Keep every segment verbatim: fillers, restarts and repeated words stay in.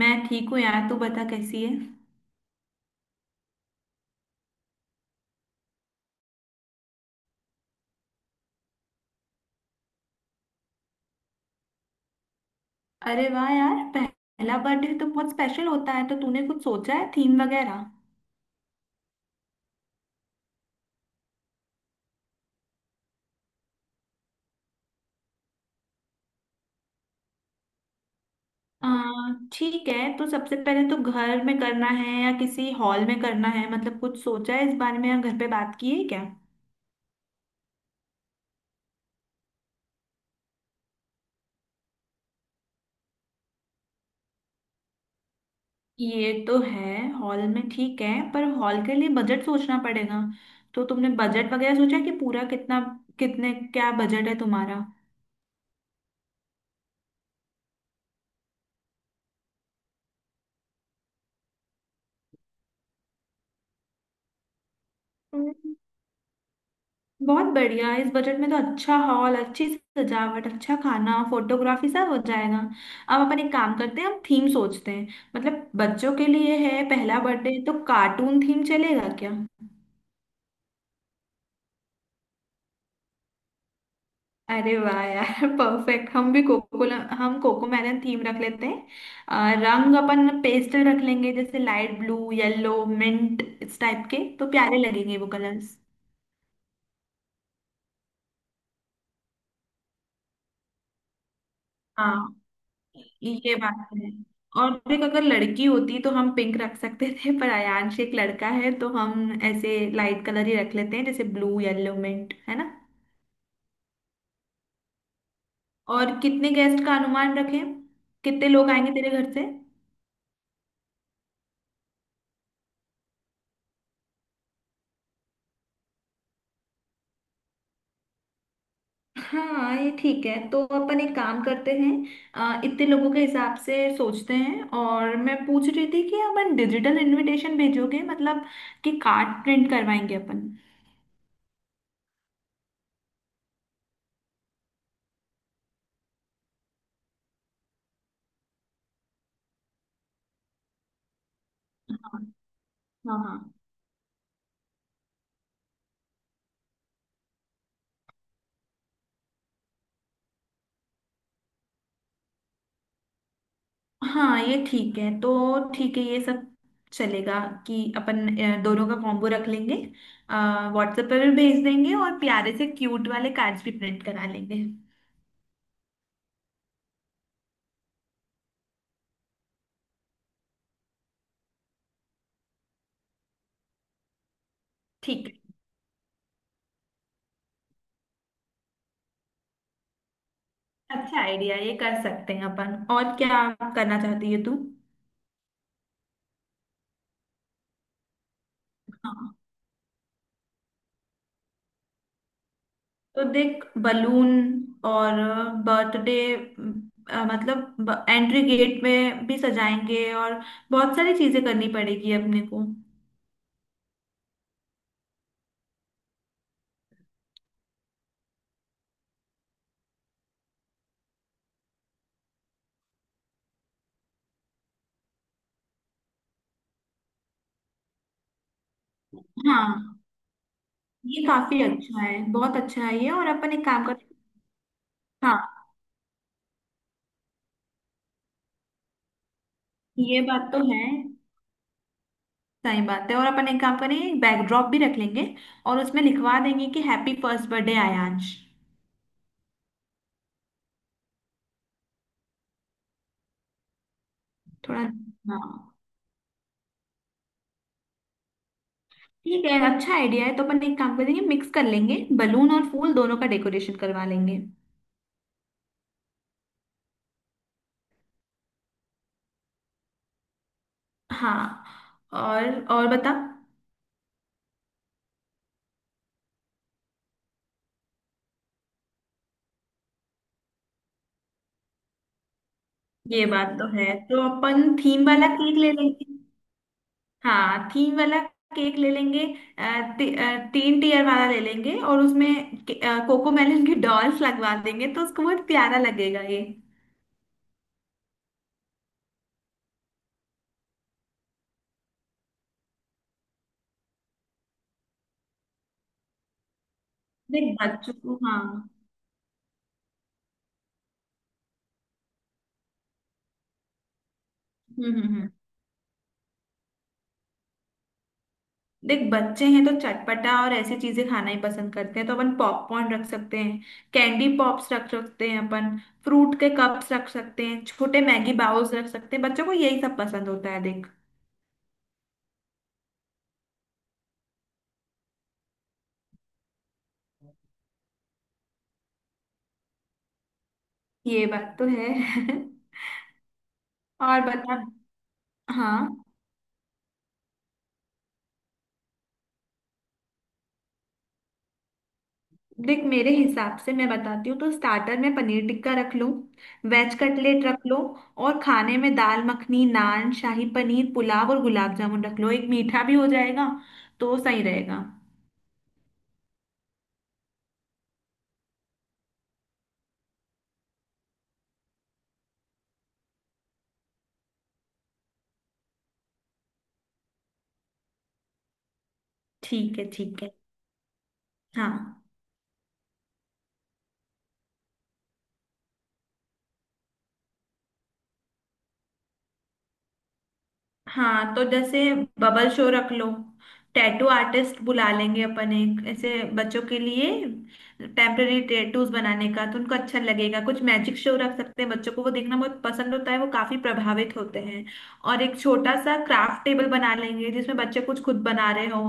मैं ठीक हूँ यार। तू बता, कैसी है? अरे वाह यार, पहला बर्थडे तो बहुत स्पेशल होता है। तो तूने कुछ सोचा है, थीम वगैरह? आ, ठीक है। तो सबसे पहले तो घर में करना है या किसी हॉल में करना है? मतलब कुछ सोचा है इस बारे में, या घर पे बात की है क्या? ये तो है। हॉल में ठीक है, पर हॉल के लिए बजट सोचना पड़ेगा। तो तुमने बजट वगैरह सोचा है कि पूरा कितना, कितने, क्या बजट है तुम्हारा? बहुत बढ़िया। इस बजट में तो अच्छा हॉल, अच्छी सजावट, अच्छा खाना, फोटोग्राफी सब हो जाएगा। अब अपन एक काम करते हैं, हम थीम सोचते हैं। मतलब बच्चों के लिए है पहला बर्थडे, तो कार्टून थीम चलेगा क्या? अरे वाह यार परफेक्ट। हम भी कोको हम कोको मैलन थीम रख लेते हैं। अ, रंग अपन पेस्टल रख लेंगे, जैसे लाइट ब्लू, येलो, मिंट, इस टाइप के तो प्यारे लगेंगे वो कलर्स। ये बात है। और देख, अगर लड़की होती तो हम पिंक रख सकते थे, पर आयांश एक लड़का है, तो हम ऐसे लाइट कलर ही रख लेते हैं जैसे ब्लू, येलो, मिंट, है ना? और कितने गेस्ट का अनुमान रखें? कितने लोग आएंगे तेरे घर से? हाँ, ये ठीक है। तो अपन एक काम करते हैं, अ, इतने लोगों के हिसाब से सोचते हैं। और मैं पूछ रही थी कि अपन डिजिटल इनविटेशन भेजोगे, मतलब कि कार्ड प्रिंट करवाएंगे अपन? हाँ। हाँ। हाँ, हाँ, ये ठीक है। तो ठीक है, ये सब चलेगा कि अपन अ, दोनों का कॉम्बो रख लेंगे। व्हाट्सएप पर भी भेज देंगे और प्यारे से क्यूट वाले कार्ड्स भी प्रिंट करा लेंगे। ठीक है, अच्छा आइडिया। ये कर सकते हैं अपन। और क्या करना चाहती है तू? हाँ, तो देख बलून और बर्थडे मतलब एंट्री गेट में भी सजाएंगे, और बहुत सारी चीजें करनी पड़ेगी अपने को। हाँ, ये काफी अच्छा है। बहुत अच्छा है ये। और अपन एक काम करें। हाँ। ये बात तो है। सही बात है। और अपन एक काम करें, बैकड्रॉप भी रख लेंगे, और उसमें लिखवा देंगे कि हैप्पी फर्स्ट बर्थडे आयांश। थोड़ा। हाँ। ठीक है, अच्छा आइडिया है। तो अपन एक काम करेंगे, मिक्स कर लेंगे, बलून और फूल दोनों का डेकोरेशन करवा लेंगे। हाँ। और और बता। ये बात तो है, तो अपन थीम वाला केक ले लेंगे। हाँ, थीम वाला केक ले लेंगे। अ, ती, अ, तीन टीयर वाला ले लेंगे और उसमें के- अ, कोको मेलन की डॉल्स लगवा देंगे, तो उसको बहुत प्यारा लगेगा ये। देख बच्चों को, हाँ। हम्म हम्म हम्म। देख, बच्चे हैं तो चटपटा और ऐसी चीजें खाना ही पसंद करते हैं, तो अपन पॉपकॉर्न रख सकते हैं, कैंडी पॉप्स रख सकते हैं अपन, फ्रूट के कप्स रख सकते हैं, छोटे मैगी बाउल्स रख सकते हैं। बच्चों को यही सब पसंद होता है, देख। ये बात तो है और बता। हाँ, देख, मेरे हिसाब से मैं बताती हूँ, तो स्टार्टर में पनीर टिक्का रख लो, वेज कटलेट रख लो, और खाने में दाल मखनी, नान, शाही पनीर, पुलाव और गुलाब जामुन रख लो, एक मीठा भी हो जाएगा, तो सही रहेगा। ठीक है, ठीक है। हाँ, हाँ, तो जैसे बबल शो रख लो, टैटू आर्टिस्ट बुला लेंगे अपन एक ऐसे, बच्चों के लिए टेम्पररी टैटूज बनाने का, तो उनको अच्छा लगेगा। कुछ मैजिक शो रख सकते हैं, बच्चों को वो देखना बहुत पसंद होता है, वो काफी प्रभावित होते हैं। और एक छोटा सा क्राफ्ट टेबल बना लेंगे, जिसमें बच्चे कुछ खुद बना रहे हो,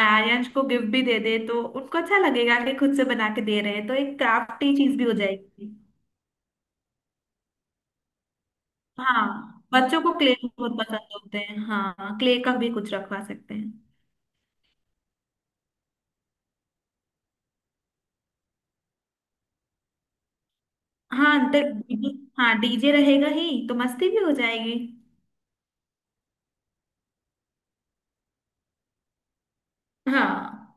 आर्यन को गिफ्ट भी दे दे, तो उनको अच्छा लगेगा कि खुद से बना के दे रहे हैं, तो एक क्राफ्टी चीज भी हो जाएगी। हाँ, बच्चों को क्ले बहुत पसंद होते हैं। हाँ, क्ले का भी कुछ रखवा सकते हैं। हाँ, तो डीजे, हाँ डीजे रहेगा ही, तो मस्ती भी हो जाएगी। हाँ।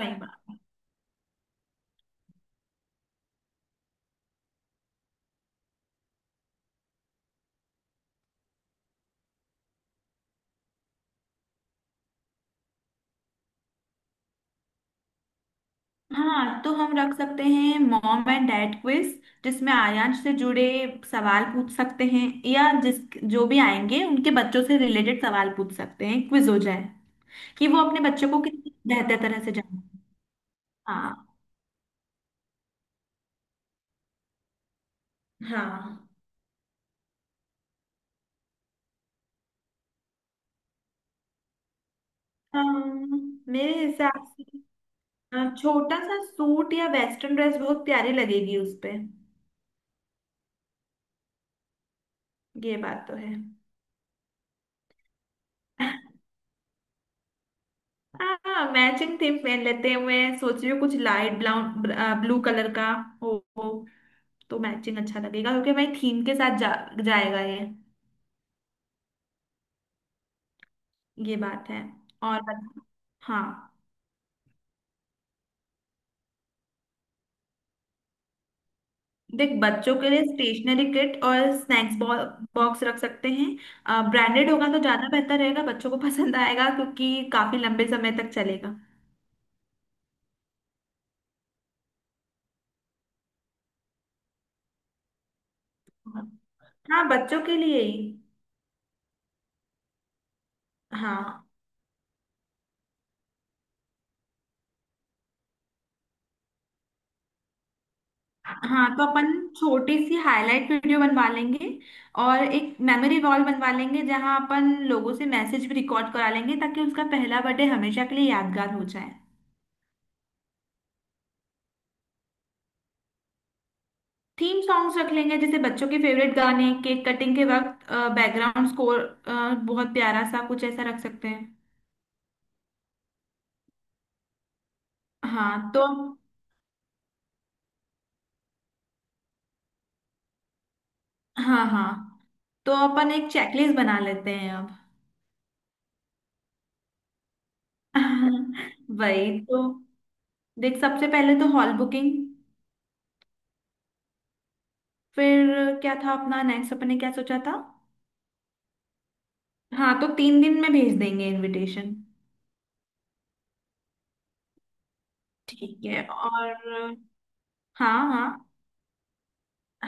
सही बात। हाँ, तो हम रख सकते हैं मॉम एंड डैड क्विज, जिसमें आर्यांश से जुड़े सवाल पूछ सकते हैं, या जिस जो भी आएंगे उनके बच्चों से रिलेटेड सवाल पूछ सकते हैं, क्विज हो जाए, कि वो अपने बच्चों को कितनी बेहतर तरह से जाने। हाँ। हाँ। अम, मेरे हिसाब से अ, छोटा सा सूट या वेस्टर्न ड्रेस बहुत प्यारी लगेगी उस पे। ये बात तो है। हाँ, मैचिंग थीम पहन लेते हैं। मैं सोच रही हूँ कुछ लाइट ब्राउन, ब्लू कलर का हो, हो, तो मैचिंग अच्छा लगेगा, क्योंकि मैं थीम के साथ जा, जाएगा ये। ये बात है। और बत- हाँ, देख, बच्चों के लिए स्टेशनरी किट और स्नैक्स बॉक्स रख सकते हैं, ब्रांडेड होगा तो ज्यादा बेहतर रहेगा, बच्चों को पसंद आएगा, क्योंकि काफी लंबे समय तक चलेगा। हाँ, बच्चों के लिए ही। हाँ, हाँ, तो अपन छोटी सी हाईलाइट वीडियो बनवा लेंगे, और एक मेमोरी वॉल बनवा लेंगे, जहाँ अपन लोगों से मैसेज भी रिकॉर्ड करा लेंगे, ताकि उसका पहला बर्थडे हमेशा के लिए यादगार हो जाए। थीम सॉन्ग्स रख लेंगे, जैसे बच्चों के फेवरेट गाने, केक कटिंग के वक्त बैकग्राउंड स्कोर बहुत प्यारा सा, कुछ ऐसा रख सकते हैं। हाँ तो, हाँ, हाँ, तो अपन एक चेकलिस्ट बना लेते हैं अब। वही तो। देख, सबसे पहले तो हॉल बुकिंग। फिर क्या था अपना नेक्स्ट, अपन ने क्या सोचा था? हाँ, तो तीन दिन में भेज देंगे इनविटेशन। ठीक है और, हाँ, हाँ,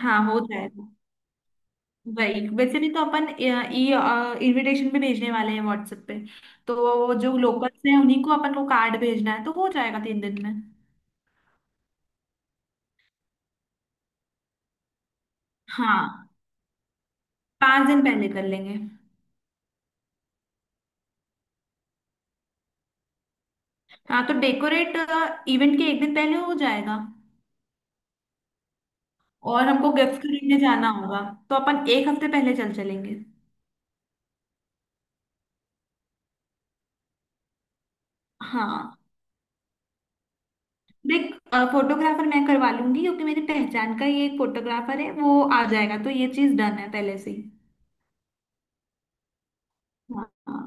हाँ, हो जाएगा। वही, वैसे भी तो अपन ई इनविटेशन भी भेजने वाले हैं व्हाट्सएप पे, तो जो लोकल्स हैं उन्हीं को अपन को कार्ड भेजना है, तो हो जाएगा तीन दिन में। हाँ, पांच दिन पहले कर लेंगे। हाँ, तो डेकोरेट इवेंट के एक दिन पहले हो जाएगा। और हमको गिफ्ट खरीदने जाना होगा, तो अपन एक हफ्ते पहले चल चलेंगे। हाँ। देख, फोटोग्राफर मैं करवा लूंगी, क्योंकि मेरी पहचान का ये एक फोटोग्राफर है, वो आ जाएगा, तो ये चीज डन है पहले से ही। हाँ।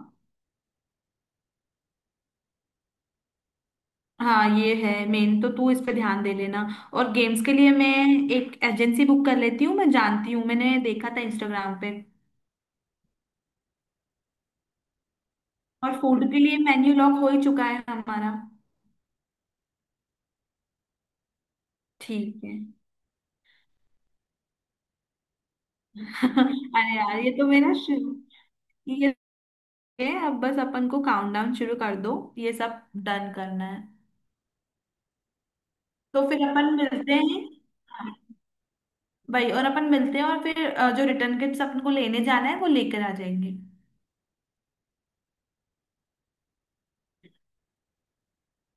हाँ, ये है मेन, तो तू इस पे ध्यान दे लेना। और गेम्स के लिए मैं एक एजेंसी बुक कर लेती हूँ, मैं जानती हूँ, मैंने देखा था इंस्टाग्राम पे। और फूड के लिए मेन्यू लॉक हो ही चुका है हमारा। ठीक है। अरे यार, ये तो मेरा शुरू ये है। अब बस अपन को काउंटडाउन शुरू कर दो, ये सब डन करना है। तो फिर अपन मिलते हैं भाई, और अपन मिलते हैं, और फिर अ, जो रिटर्न किट्स अपन को लेने जाना है वो लेकर आ जाएंगे।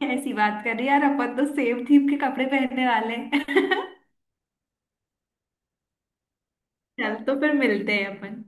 ऐसी बात कर रही यार, अपन तो सेम थीम के कपड़े पहनने वाले हैं चल, तो फिर मिलते हैं अपन।